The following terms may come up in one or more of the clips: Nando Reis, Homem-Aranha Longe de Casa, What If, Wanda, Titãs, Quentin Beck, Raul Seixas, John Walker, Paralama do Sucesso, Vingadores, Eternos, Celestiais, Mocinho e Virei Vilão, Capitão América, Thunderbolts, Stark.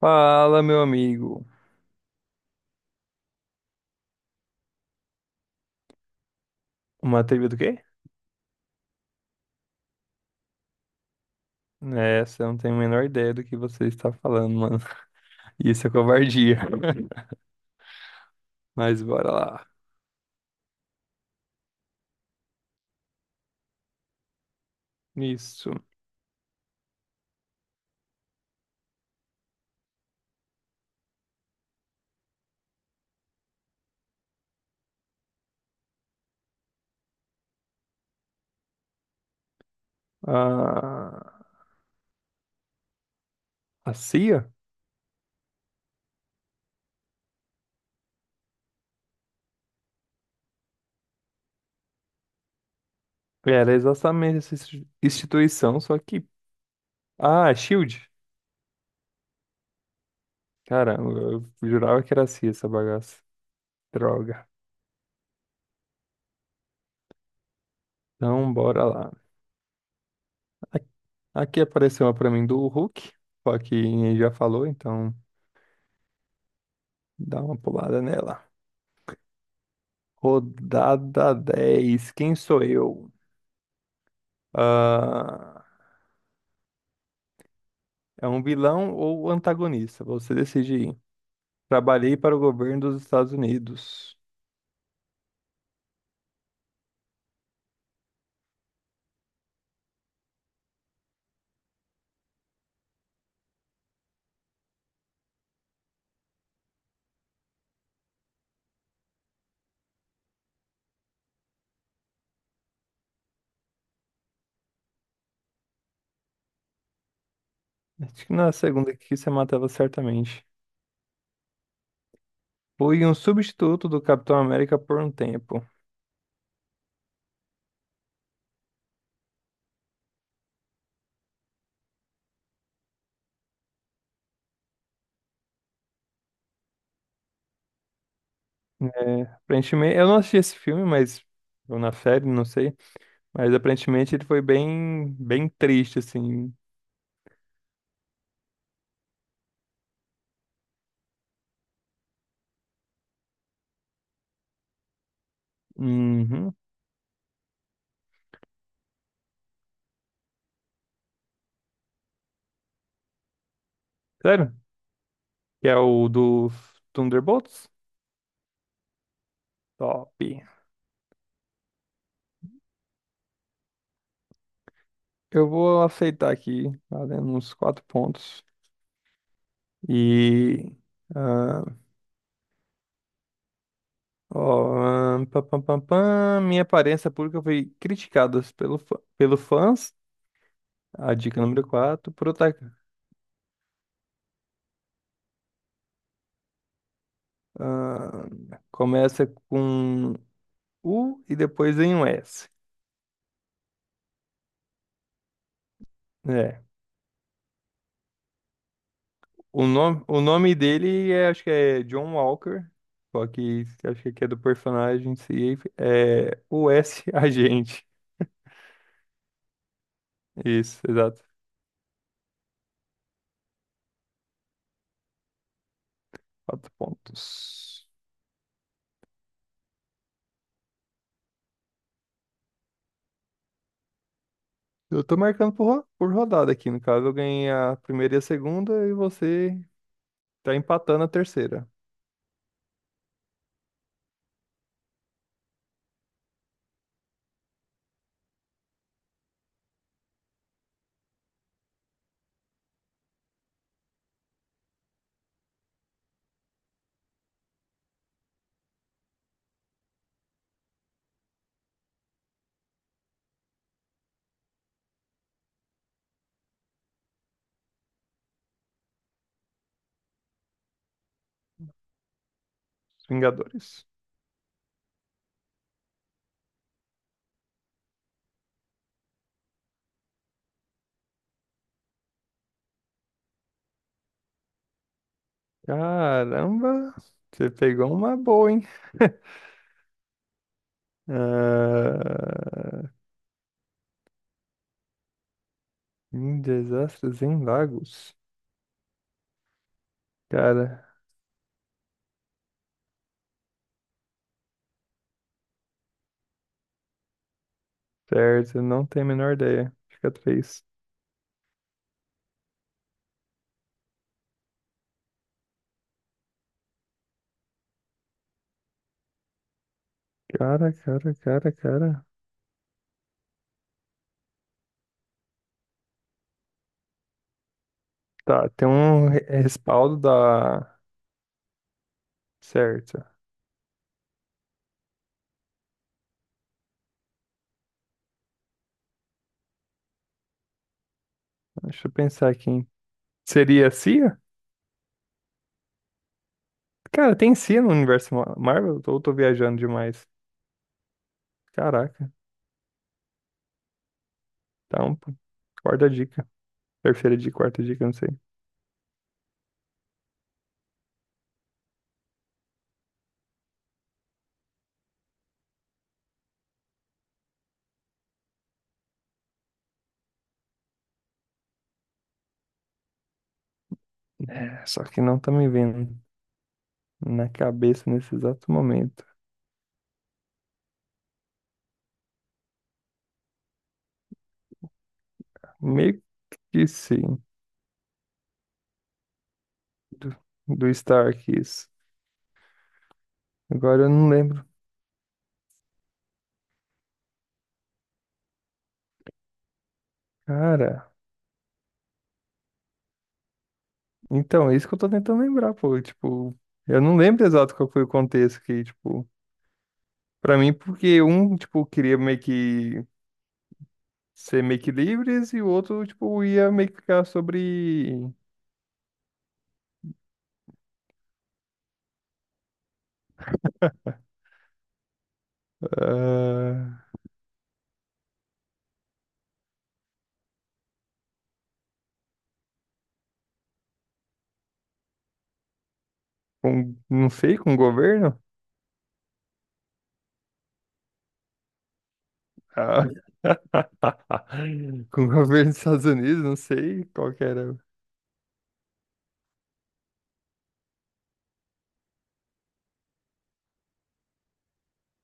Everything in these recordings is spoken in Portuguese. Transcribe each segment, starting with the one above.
Fala, meu amigo. Uma trivia do quê? É, você não tem a menor ideia do que você está falando, mano. Isso é covardia. Mas bora lá. Isso. Ah, a CIA era exatamente essa instituição, só que... Ah, Shield. Caramba, eu jurava que era a CIA essa bagaça. Droga. Então, bora lá. A- Aqui apareceu uma pra mim do Hulk, só que já falou, então dá uma pulada nela. Rodada 10. Quem sou eu? Ah, é um vilão ou antagonista? Você decide. Trabalhei para o governo dos Estados Unidos. Acho que na segunda aqui você matava certamente. Fui um substituto do Capitão América por um tempo. É, aparentemente, eu não assisti esse filme, mas ou na série, não sei. Mas aparentemente ele foi bem triste, assim. Uhum. Sério? Que é o do Thunderbolts? Top. Eu vou aceitar aqui, valendo uns quatro pontos. E... ah, pam, pam, pam, pam, minha aparência pública foi criticada pelo, pelo fãs. A dica número 4, Prota, ah, começa com U e depois em um S. É. O nome dele é, acho que é John Walker. Só que acho que aqui é do personagem em si. É o S Agente. Isso, exato. Quatro pontos. Eu tô marcando por rodada aqui, no caso. Eu ganhei a primeira e a segunda, e você tá empatando a terceira. Os Vingadores. Caramba, você pegou uma boa, hein? Ah, em desastres em lagos. Cara, certo, eu não tenho a menor ideia. Fica três. Cara, cara, cara, cara. Tá, tem um respaldo da... Certo. Deixa eu pensar aqui, hein? Seria a CIA? Cara, tem si no universo Marvel? Ou tô viajando demais? Caraca. Então, pô, quarta dica. Terceira dica, quarta dica, não sei. É, só que não tá me vindo na cabeça nesse exato momento. Meio que sim, do, do Stark, isso. Agora eu não lembro. Cara, então, é isso que eu tô tentando lembrar, pô. Tipo, eu não lembro exato qual foi o contexto que, tipo, pra mim, porque um, tipo, queria meio que ser meio que livres, e o outro, tipo, ia meio que ficar sobre. Ah, com, não sei, com o governo? Ah, com o governo dos Estados Unidos, não sei qual que era.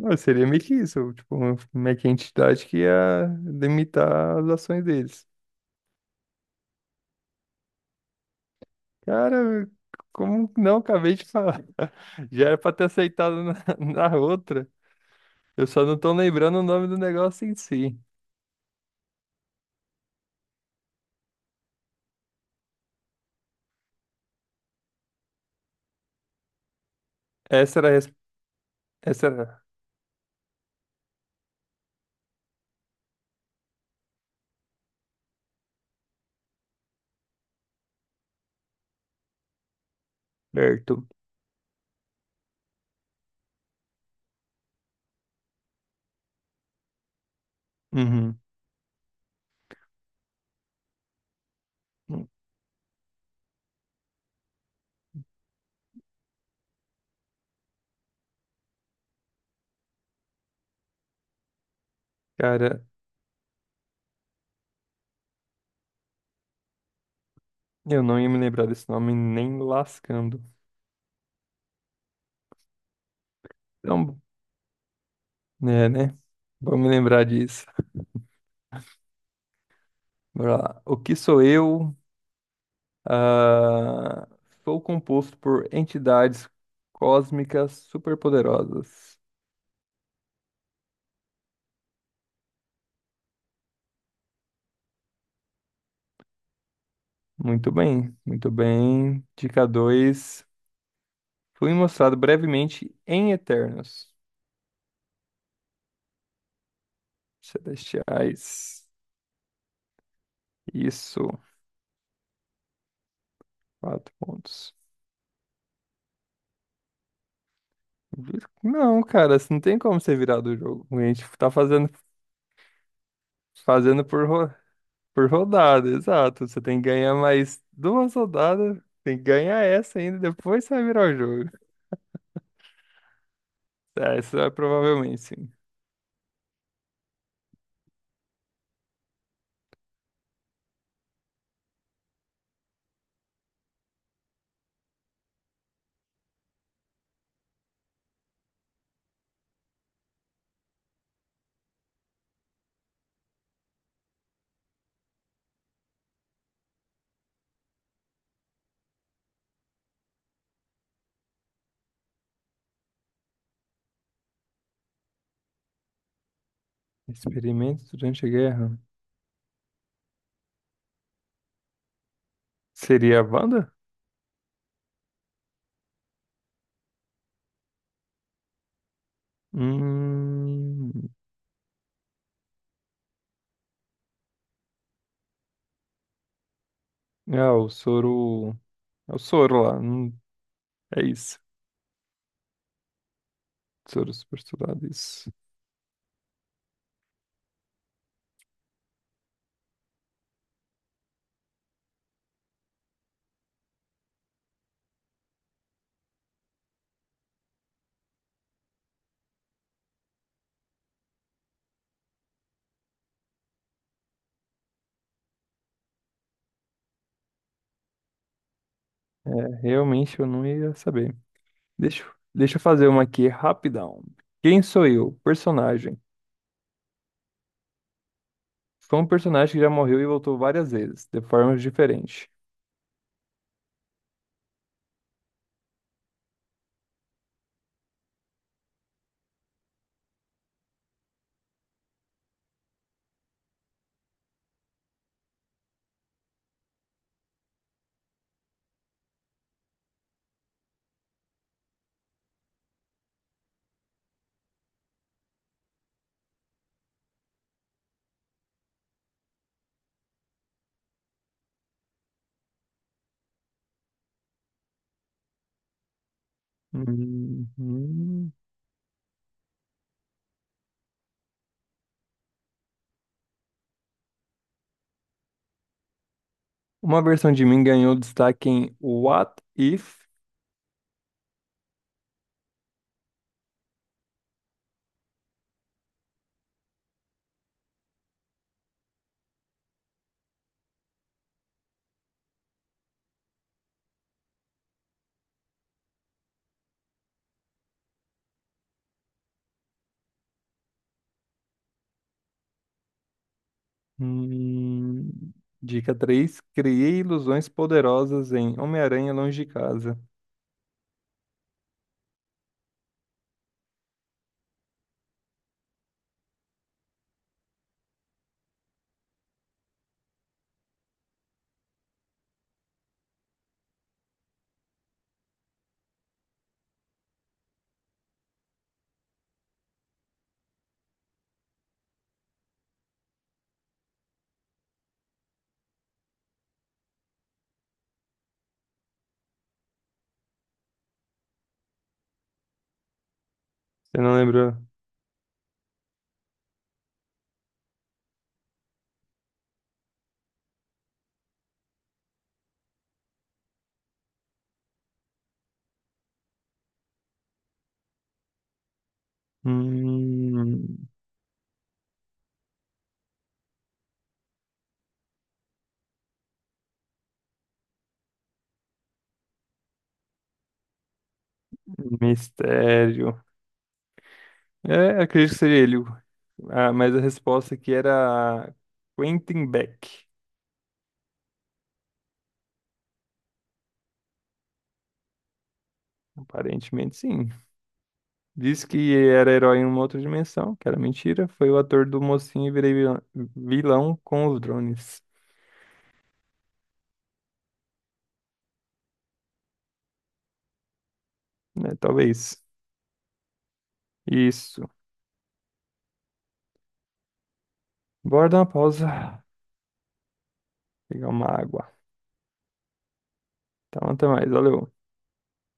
Não, seria meio que isso, tipo, uma, meio que a entidade que ia limitar as ações deles. Cara, como não acabei de falar? Já era pra ter aceitado na, na outra. Eu só não tô lembrando o nome do negócio em si. Essa era, a res- essa era certo. Uhum. Cara, eu não ia me lembrar desse nome nem lascando. Então, é, né? Vamos lembrar disso. Bora lá. O que sou eu? Ah, sou composto por entidades cósmicas superpoderosas. Muito bem, muito bem. Dica dois: fui mostrado brevemente em Eternos. Celestiais. Isso. Quatro pontos. Não, cara, isso não tem como ser virado do jogo. A gente tá fazendo, fazendo por rodada, exato. Você tem que ganhar mais duas rodadas, tem que ganhar essa ainda, depois você vai virar o jogo. Ah, essa é provavelmente, sim. Experimentos durante a guerra. Seria a Wanda? Hum... Ah, o soro... É o soro lá. Hum, é isso. Soro super soldado, isso. É, realmente eu não ia saber. Deixa eu fazer uma aqui rapidão. Quem sou eu? Personagem. Foi um personagem que já morreu e voltou várias vezes, de formas diferentes. Uhum. Uma versão de mim ganhou destaque em What If? Hum. Dica 3: criei ilusões poderosas em Homem-Aranha Longe de Casa. Você não lembrou? Hum, mistério. É, acredito que seria ele. Ah, mas a resposta aqui era Quentin Beck. Aparentemente, sim. Disse que era herói em uma outra dimensão, que era mentira. Foi o ator do Mocinho e Vilão com os Drones. Né? Talvez. Isso. Bora dar uma pausa, pegar uma água. Então, até mais. Valeu.